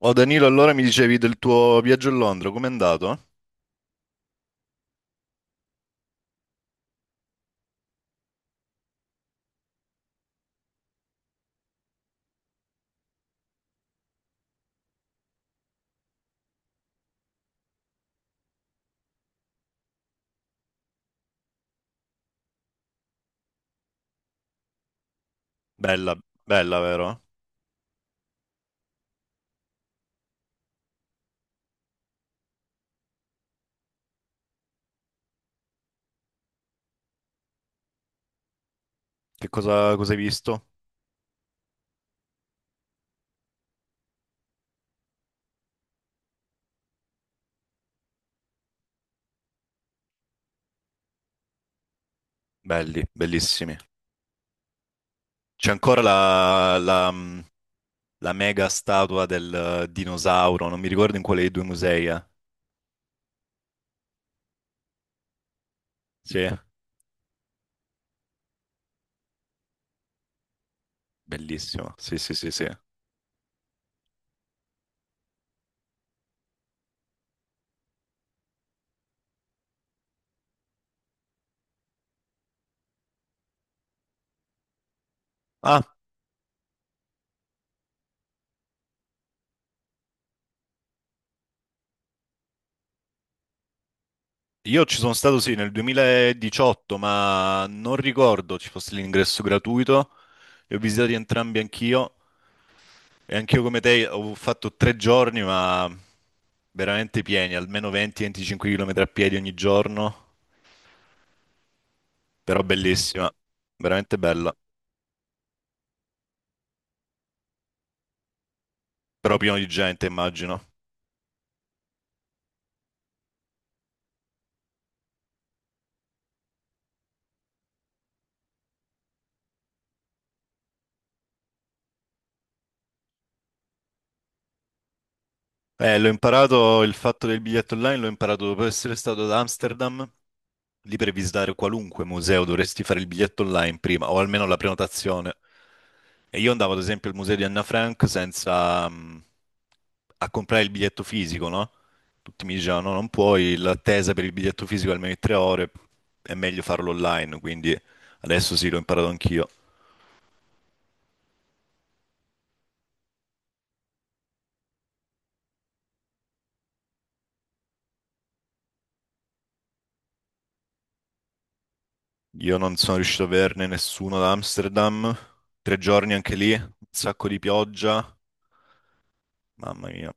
Oh Danilo, allora mi dicevi del tuo viaggio a Londra, com'è andato? Bella, bella, vero? Che cosa hai visto? Belli, bellissimi. C'è ancora la mega statua del dinosauro, non mi ricordo in quale dei due musei è. Sì, bellissimo. Sì, sì, sì, sì. Ah, io ci sono stato, sì, nel 2018, ma non ricordo ci fosse l'ingresso gratuito. Li ho visitati entrambi anch'io. E anch'io come te ho fatto 3 giorni, ma veramente pieni, almeno 20-25 km a piedi ogni giorno, però bellissima, veramente bella, però pieno di gente, immagino. L'ho imparato, il fatto del biglietto online l'ho imparato dopo essere stato ad Amsterdam. Lì per visitare qualunque museo dovresti fare il biglietto online prima, o almeno la prenotazione. E io andavo ad esempio al museo di Anna Frank senza a comprare il biglietto fisico, no? Tutti mi dicevano no, non puoi, l'attesa per il biglietto fisico è almeno di 3 ore, è meglio farlo online, quindi adesso sì, l'ho imparato anch'io. Io non sono riuscito a averne nessuno ad Amsterdam, 3 giorni anche lì, un sacco di pioggia, mamma mia.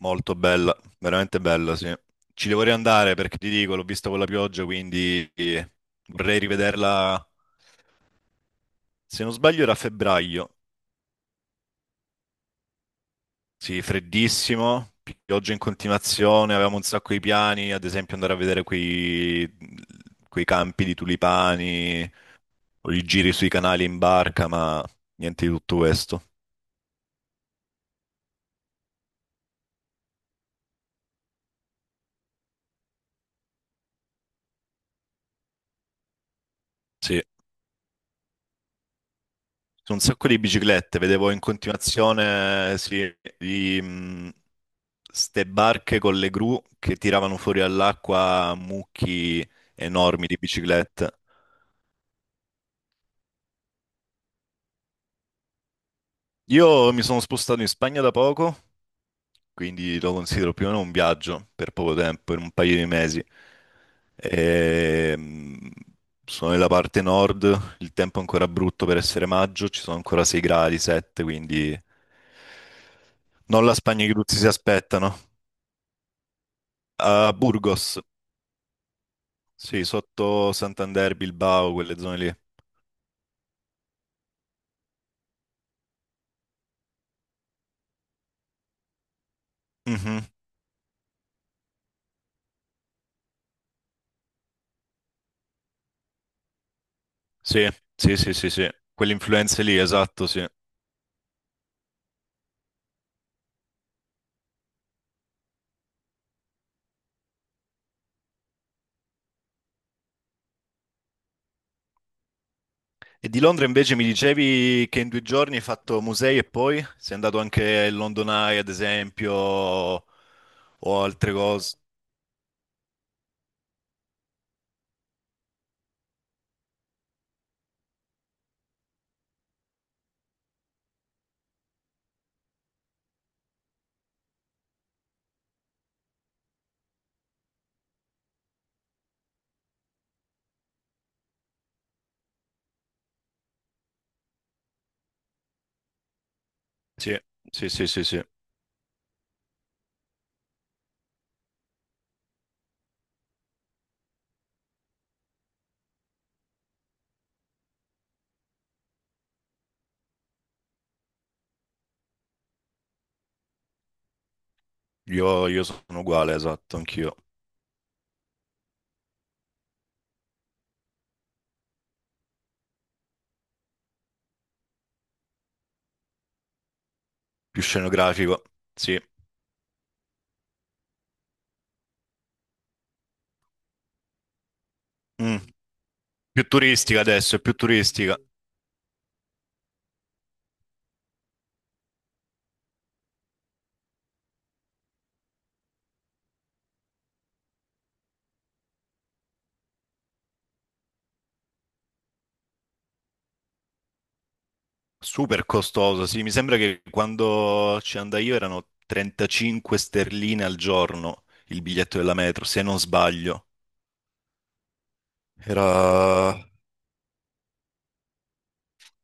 Molto bella, veramente bella, sì. Ci devo riandare perché ti dico, l'ho vista con la pioggia, quindi vorrei rivederla. Se non sbaglio era a febbraio. Sì, freddissimo, pioggia in continuazione, avevamo un sacco di piani, ad esempio andare a vedere quei campi di tulipani o i giri sui canali in barca, ma niente di tutto questo. Sì. Su un sacco di biciclette, vedevo in continuazione, sì, di, ste barche con le gru che tiravano fuori all'acqua mucchi enormi di biciclette. Io mi sono spostato in Spagna da poco, quindi lo considero più o meno un viaggio per poco tempo, in un paio di mesi. E, mh, Sono nella parte nord, il tempo è ancora brutto per essere maggio, ci sono ancora 6 gradi, 7, quindi non la Spagna che tutti si aspettano. A Burgos, sì, sotto Santander, Bilbao, quelle zone lì. Mhm. Sì, sì, sì, sì, sì, quelle influenze lì, esatto, sì. E di Londra invece mi dicevi che in due giorni hai fatto musei e poi sei andato anche al London Eye, ad esempio, o altre cose. Sì, sì, sì, sì, sì. Io sono uguale, esatto, anch'io. Più scenografico, sì. Mm. Più turistica adesso, è più turistica. Super costoso, sì, mi sembra che quando ci andai io erano 35 sterline al giorno il biglietto della metro, se non sbaglio. Era,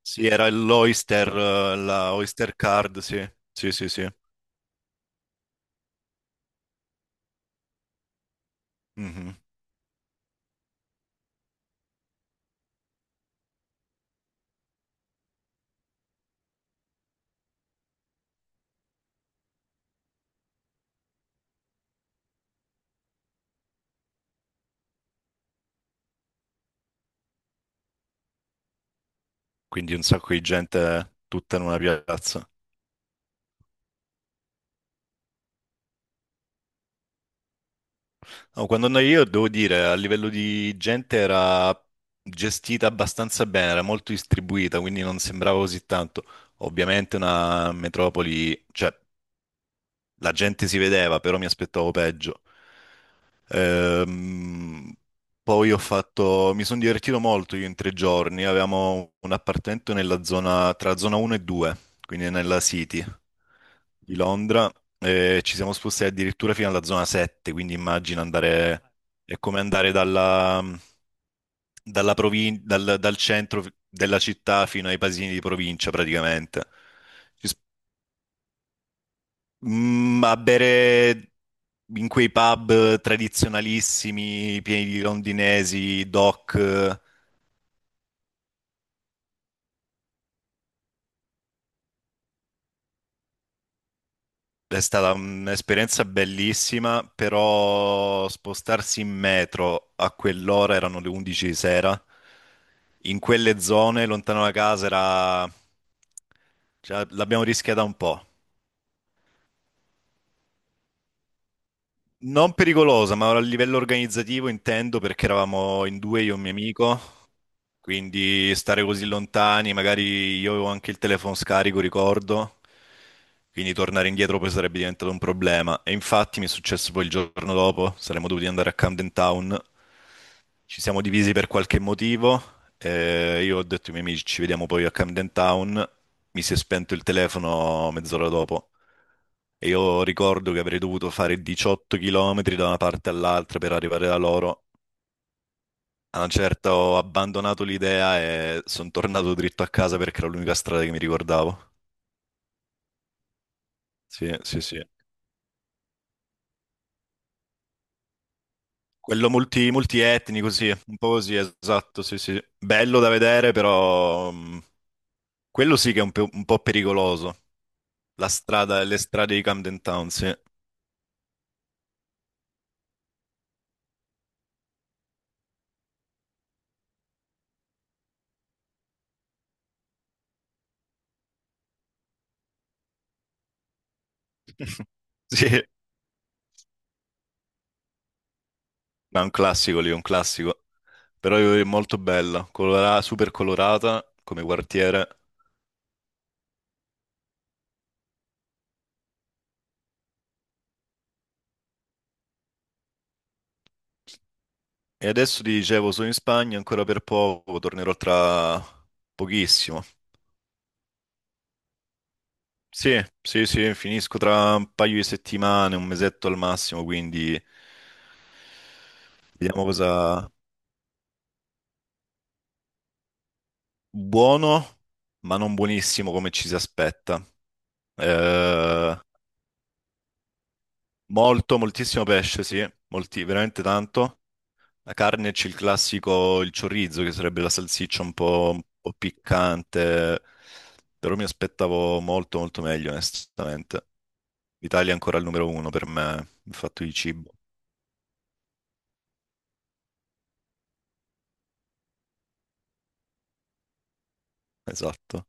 sì, era l'Oyster, la Oyster Card, sì, sì, sì, sì. Mhm. Quindi un sacco di gente tutta in una piazza. No, quando andai io, devo dire, a livello di gente era gestita abbastanza bene, era molto distribuita, quindi non sembrava così tanto. Ovviamente una metropoli, cioè la gente si vedeva, però mi aspettavo peggio. Ehm, Poi ho fatto, mi sono divertito molto io in 3 giorni, avevamo un appartamento nella zona, tra zona 1 e 2, quindi nella City di Londra, e ci siamo spostati addirittura fino alla zona 7, quindi immagina andare, è come andare dal centro della città fino ai paesini di provincia praticamente. Ci a bere in quei pub tradizionalissimi, pieni di londinesi, doc, è stata un'esperienza bellissima, però spostarsi in metro a quell'ora, erano le 11 di sera, in quelle zone, lontano da casa, era... cioè, l'abbiamo rischiata un po'. Non pericolosa, ma a livello organizzativo intendo perché eravamo in due, io e un mio amico. Quindi stare così lontani, magari io avevo anche il telefono scarico, ricordo, quindi tornare indietro poi sarebbe diventato un problema. E infatti mi è successo poi il giorno dopo, saremmo dovuti andare a Camden Town, ci siamo divisi per qualche motivo, e io ho detto ai miei amici ci vediamo poi a Camden Town, mi si è spento il telefono mezz'ora dopo e io ricordo che avrei dovuto fare 18 km da una parte all'altra per arrivare da loro a un certo ho abbandonato l'idea e sono tornato dritto a casa perché era l'unica strada che mi ricordavo. Sì, sì, sì. Quello multietnico, sì, un po' così, esatto, sì, sì. Bello da vedere, però quello sì che è un po' pericoloso. La strada, le strade di Camden Town, sì. Sì, ma è un classico lì, un classico. Però è molto bella, super colorata come quartiere. E adesso ti dicevo, sono in Spagna ancora per poco, tornerò tra pochissimo. Sì, sì, sì, finisco tra un paio di settimane, un mesetto al massimo, quindi vediamo cosa. Buono, ma non buonissimo come ci si aspetta. Eh, Molto, moltissimo pesce, sì, molti, veramente tanto. La carne c'è il classico, il chorizo, che sarebbe la salsiccia un po' piccante, però mi aspettavo molto, molto meglio, onestamente. L'Italia è ancora il numero uno per me, il fatto di cibo. Esatto.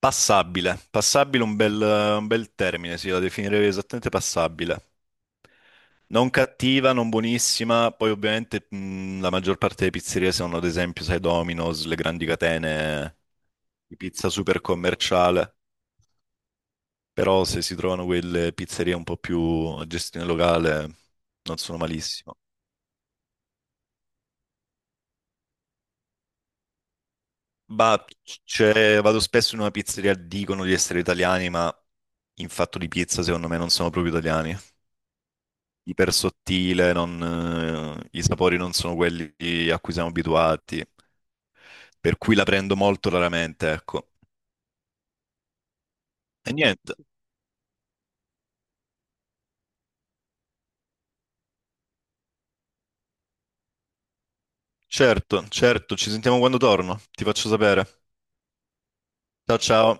Passabile. Passabile, un bel termine, sì, la definirei esattamente passabile. Non cattiva, non buonissima. Poi ovviamente la maggior parte delle pizzerie sono ad esempio, sai, Domino's, le grandi catene di pizza super commerciale. Però se si trovano quelle pizzerie un po' più a gestione locale, non sono malissimo. Bah, cioè, vado spesso in una pizzeria, dicono di essere italiani, ma in fatto di pizza secondo me non sono proprio italiani. Iper sottile, non, i sapori non sono quelli a cui siamo abituati, per cui la prendo molto raramente, ecco. E niente, certo, certo, ci sentiamo quando torno, ti faccio sapere. Ciao ciao.